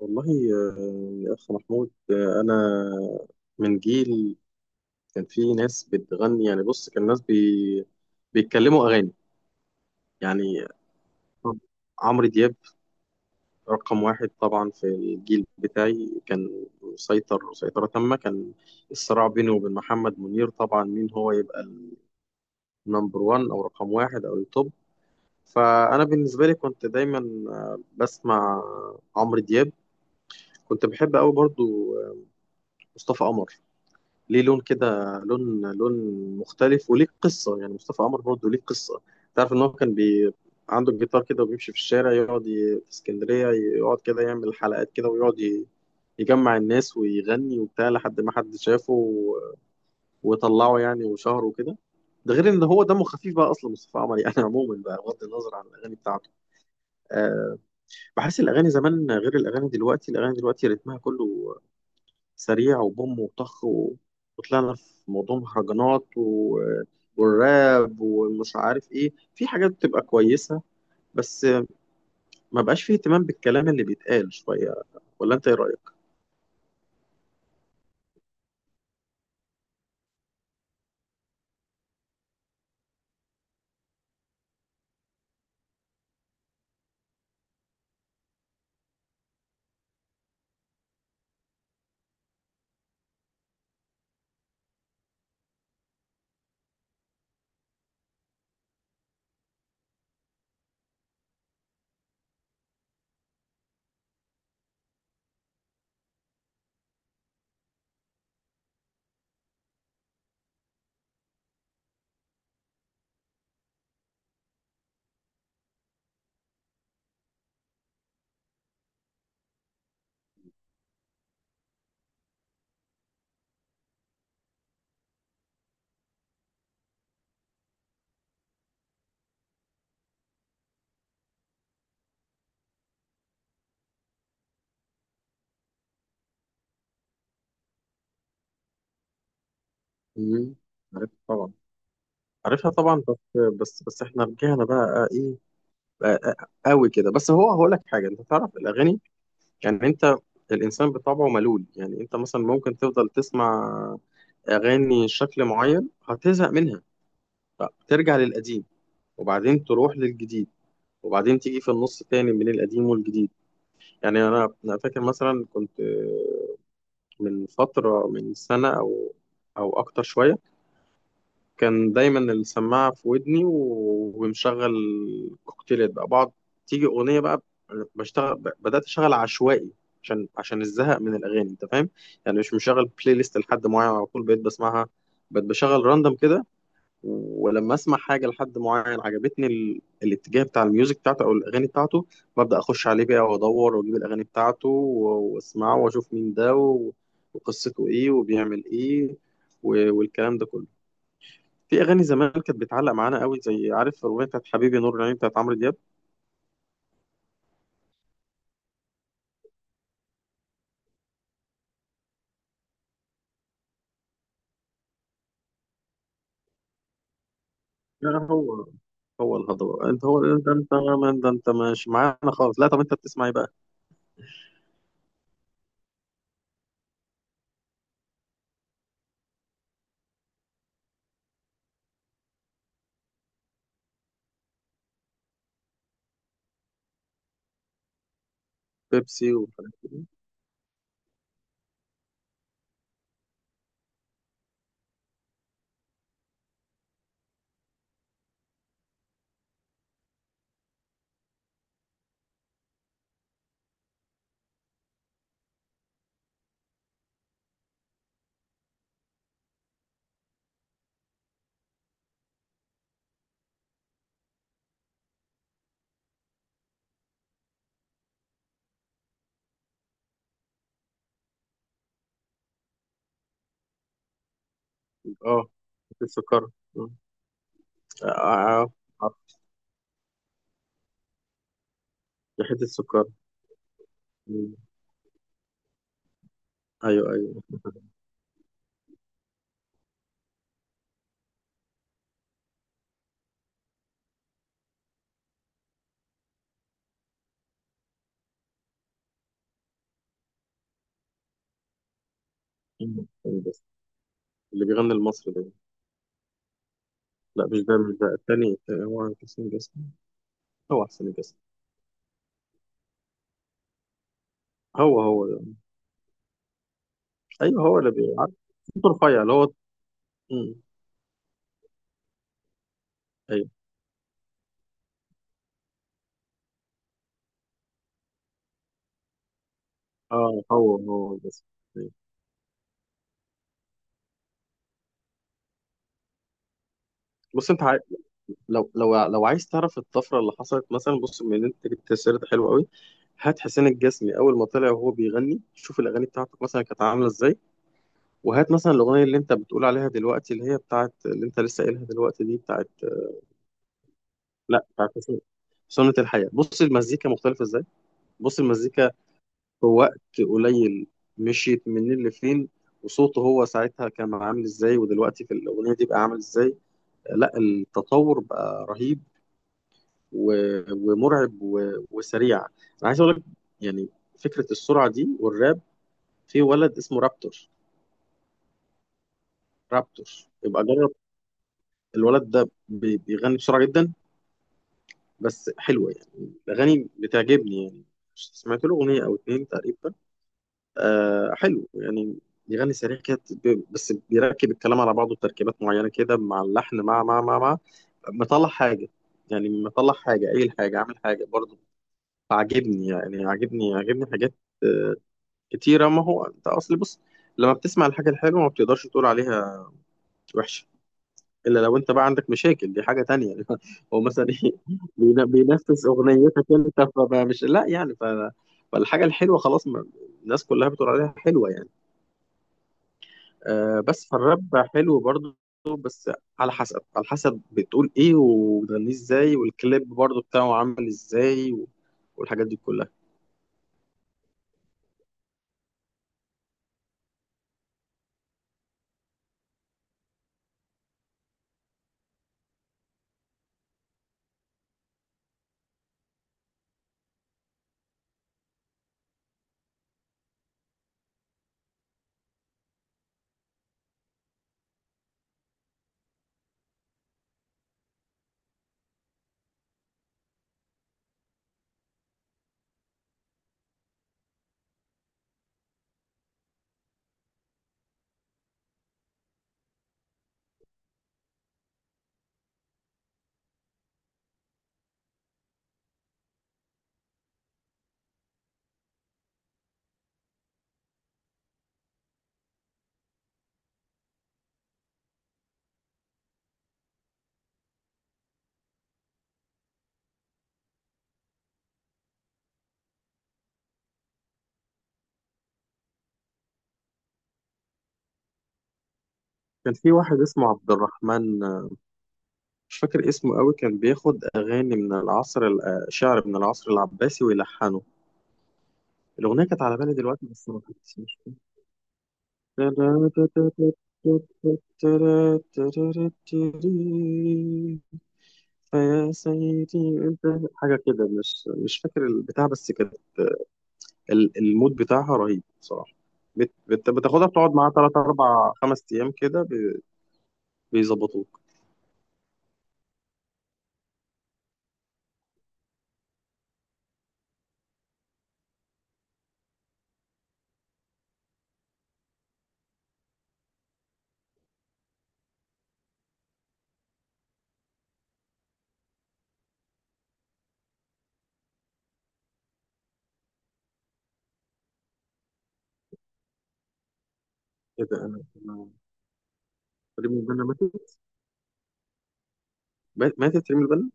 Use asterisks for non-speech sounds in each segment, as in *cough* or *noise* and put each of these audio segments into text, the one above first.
والله، آه، يا أخ محمود، أنا من جيل كان في ناس بتغني، يعني بص كان ناس بيتكلموا أغاني، يعني عمرو دياب رقم واحد طبعا. في الجيل بتاعي كان مسيطر سيطرة تامة. كان الصراع بينه وبين محمد منير طبعا، مين هو يبقى النمبر وان أو رقم واحد أو التوب. فأنا بالنسبة لي كنت دايما بسمع عمرو دياب. كنت بحب أوي برضو مصطفى قمر. ليه لون كده، لون مختلف، وليه قصة. يعني مصطفى قمر برضه ليه قصة. تعرف إن هو كان بي عنده الجيتار كده، وبيمشي في الشارع يقعد في اسكندرية، يقعد كده يعمل حلقات كده، ويقعد يجمع الناس ويغني وبتاع، لحد ما حد شافه وطلعه يعني وشهره وكده. ده غير ان هو دمه خفيف بقى اصلا مصطفى قمر يعني. *laughs* عموما بقى، بغض النظر عن الاغاني بتاعته، أه، بحس الاغاني زمان غير الاغاني دلوقتي. الاغاني دلوقتي رتمها كله سريع، وبوم وطخ وطلعنا في موضوع مهرجانات والراب ومش عارف ايه. في حاجات بتبقى كويسة، بس ما بقاش فيه اهتمام بالكلام اللي بيتقال شوية. ولا انت ايه رأيك؟ مم. عارف طبعا. عارفها طبعا، بس بس احنا رجعنا بقى ايه بقى قوي كده. بس هو هقول لك حاجة، انت تعرف الاغاني، يعني انت الانسان بطبعه ملول. يعني انت مثلا ممكن تفضل تسمع اغاني شكل معين، هتزهق منها، فترجع للقديم، وبعدين تروح للجديد، وبعدين تيجي في النص تاني من القديم والجديد. يعني انا فاكر مثلا كنت من فتره، من سنه او اكتر شويه، كان دايما السماعه في ودني ومشغل كوكتيلات بقى. بقعد تيجي اغنيه بقى بشتغل، بدات اشتغل عشوائي، عشان الزهق من الاغاني، انت فاهم يعني. مش مشغل بلاي ليست لحد معين على طول بقيت بسمعها، بقيت بشغل راندم كده. ولما اسمع حاجه لحد معين عجبتني، الاتجاه بتاع الميوزك بتاعته او الاغاني بتاعته، ببدا اخش عليه بقى وادور واجيب الاغاني بتاعته واسمعه، واشوف مين ده وقصته ايه وبيعمل ايه والكلام ده كله. في اغاني زمان كانت بتعلق معانا قوي، زي عارف الاغنيه بتاعت حبيبي نور العين بتاعت عمرو دياب. لا لا، هو هو الهضبه. انت هو انت من ده. انت مش معانا خالص، لا طب انت بتسمع ايه بقى؟ بيبسي وحاجات كده. اه، حته السكر. آه، آه، آه، حته السكر. ايوه، ايوه. مين حسين جسمي؟ اللي بيغني المصري ده؟ لا، مش ده التاني هو حسين جسمي. هو حسين جسمي. هو هو ده. ايوه، هو اللي بيعرف صوته رفيع، اللي هو. مم. ايوه. اه، هو هو جسمي. أيوة. بص انت لو عايز تعرف الطفره اللي حصلت مثلا، بص، من انت جبت سيرة حلوه قوي. هات حسين الجسمي اول ما طلع وهو بيغني، شوف الاغاني بتاعته مثلا كانت عامله ازاي، وهات مثلا الاغنيه اللي انت بتقول عليها دلوقتي، اللي هي بتاعت، اللي انت لسه قايلها دلوقتي، دي بتاعت، لا بتاعت سنة الحياة. بص المزيكا مختلفة ازاي، بص المزيكا في وقت قليل مشيت منين لفين، وصوته هو ساعتها كان عامل ازاي، ودلوقتي في الأغنية دي بقى عامل ازاي. لا، التطور بقى رهيب ومرعب وسريع. انا عايز اقول لك، يعني فكرة السرعة دي والراب، في ولد اسمه رابتور. رابتور، يبقى جرب. الولد ده بيغني بسرعة جدا، بس حلوة يعني. الأغاني بتعجبني يعني. سمعت له أغنية أو 2 تقريبا. آه حلو يعني. يغني سريع كده، بس بيركب الكلام على بعضه تركيبات معينة كده مع اللحن، مع مطلع حاجة. يعني مطلع حاجة، قايل حاجة، عامل حاجة برضه. عاجبني يعني، عاجبني حاجات آه، كتيرة. ما هو أنت أصل بص، لما بتسمع الحاجة الحلوة ما بتقدرش تقول عليها وحشة، إلا لو أنت بقى عندك مشاكل، دي حاجة تانية يعني. *laughs* هو مثلا إيه بينفذ أغنيتك أنت، فمش، لا يعني فالحاجة الحلوة خلاص ما... الناس كلها بتقول عليها حلوة يعني. بس فالراب حلو برضه، بس على حسب بتقول ايه، وبتغنيه ازاي، والكليب برضه بتاعه عامل ازاي والحاجات دي كلها. كان في واحد اسمه عبد الرحمن، مش فاكر اسمه قوي، كان بياخد اغاني من العصر شعر من العصر العباسي ويلحنه. الاغنيه كانت على بالي دلوقتي بس ما كانتش، مش فاكر. *laughs* فيا سيدي انت حاجه كده، مش فاكر البتاع، بس كده. المود بتاعها رهيب بصراحة. بتاخدها بتقعد معاها 3 4 5 أيام كده بيظبطوك. إيه ده؟ أنا ريم البنا ماتت؟ ماتت ريم البنا.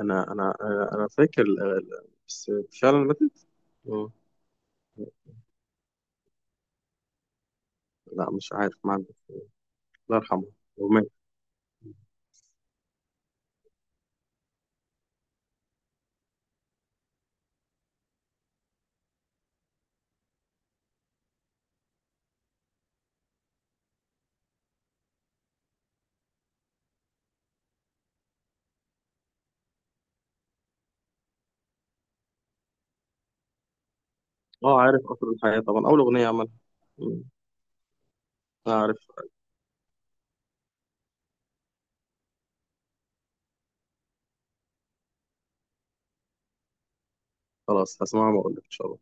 أنا فاكر بس، فعلا ماتت. مم. لا مش عارف، ما عندي. الله يرحمه. هو مات. أه، عارف قطر الحياة طبعا، أول أغنية عملها. مم. أعرف. خلاص هسمعها وأقول لك إن شاء الله.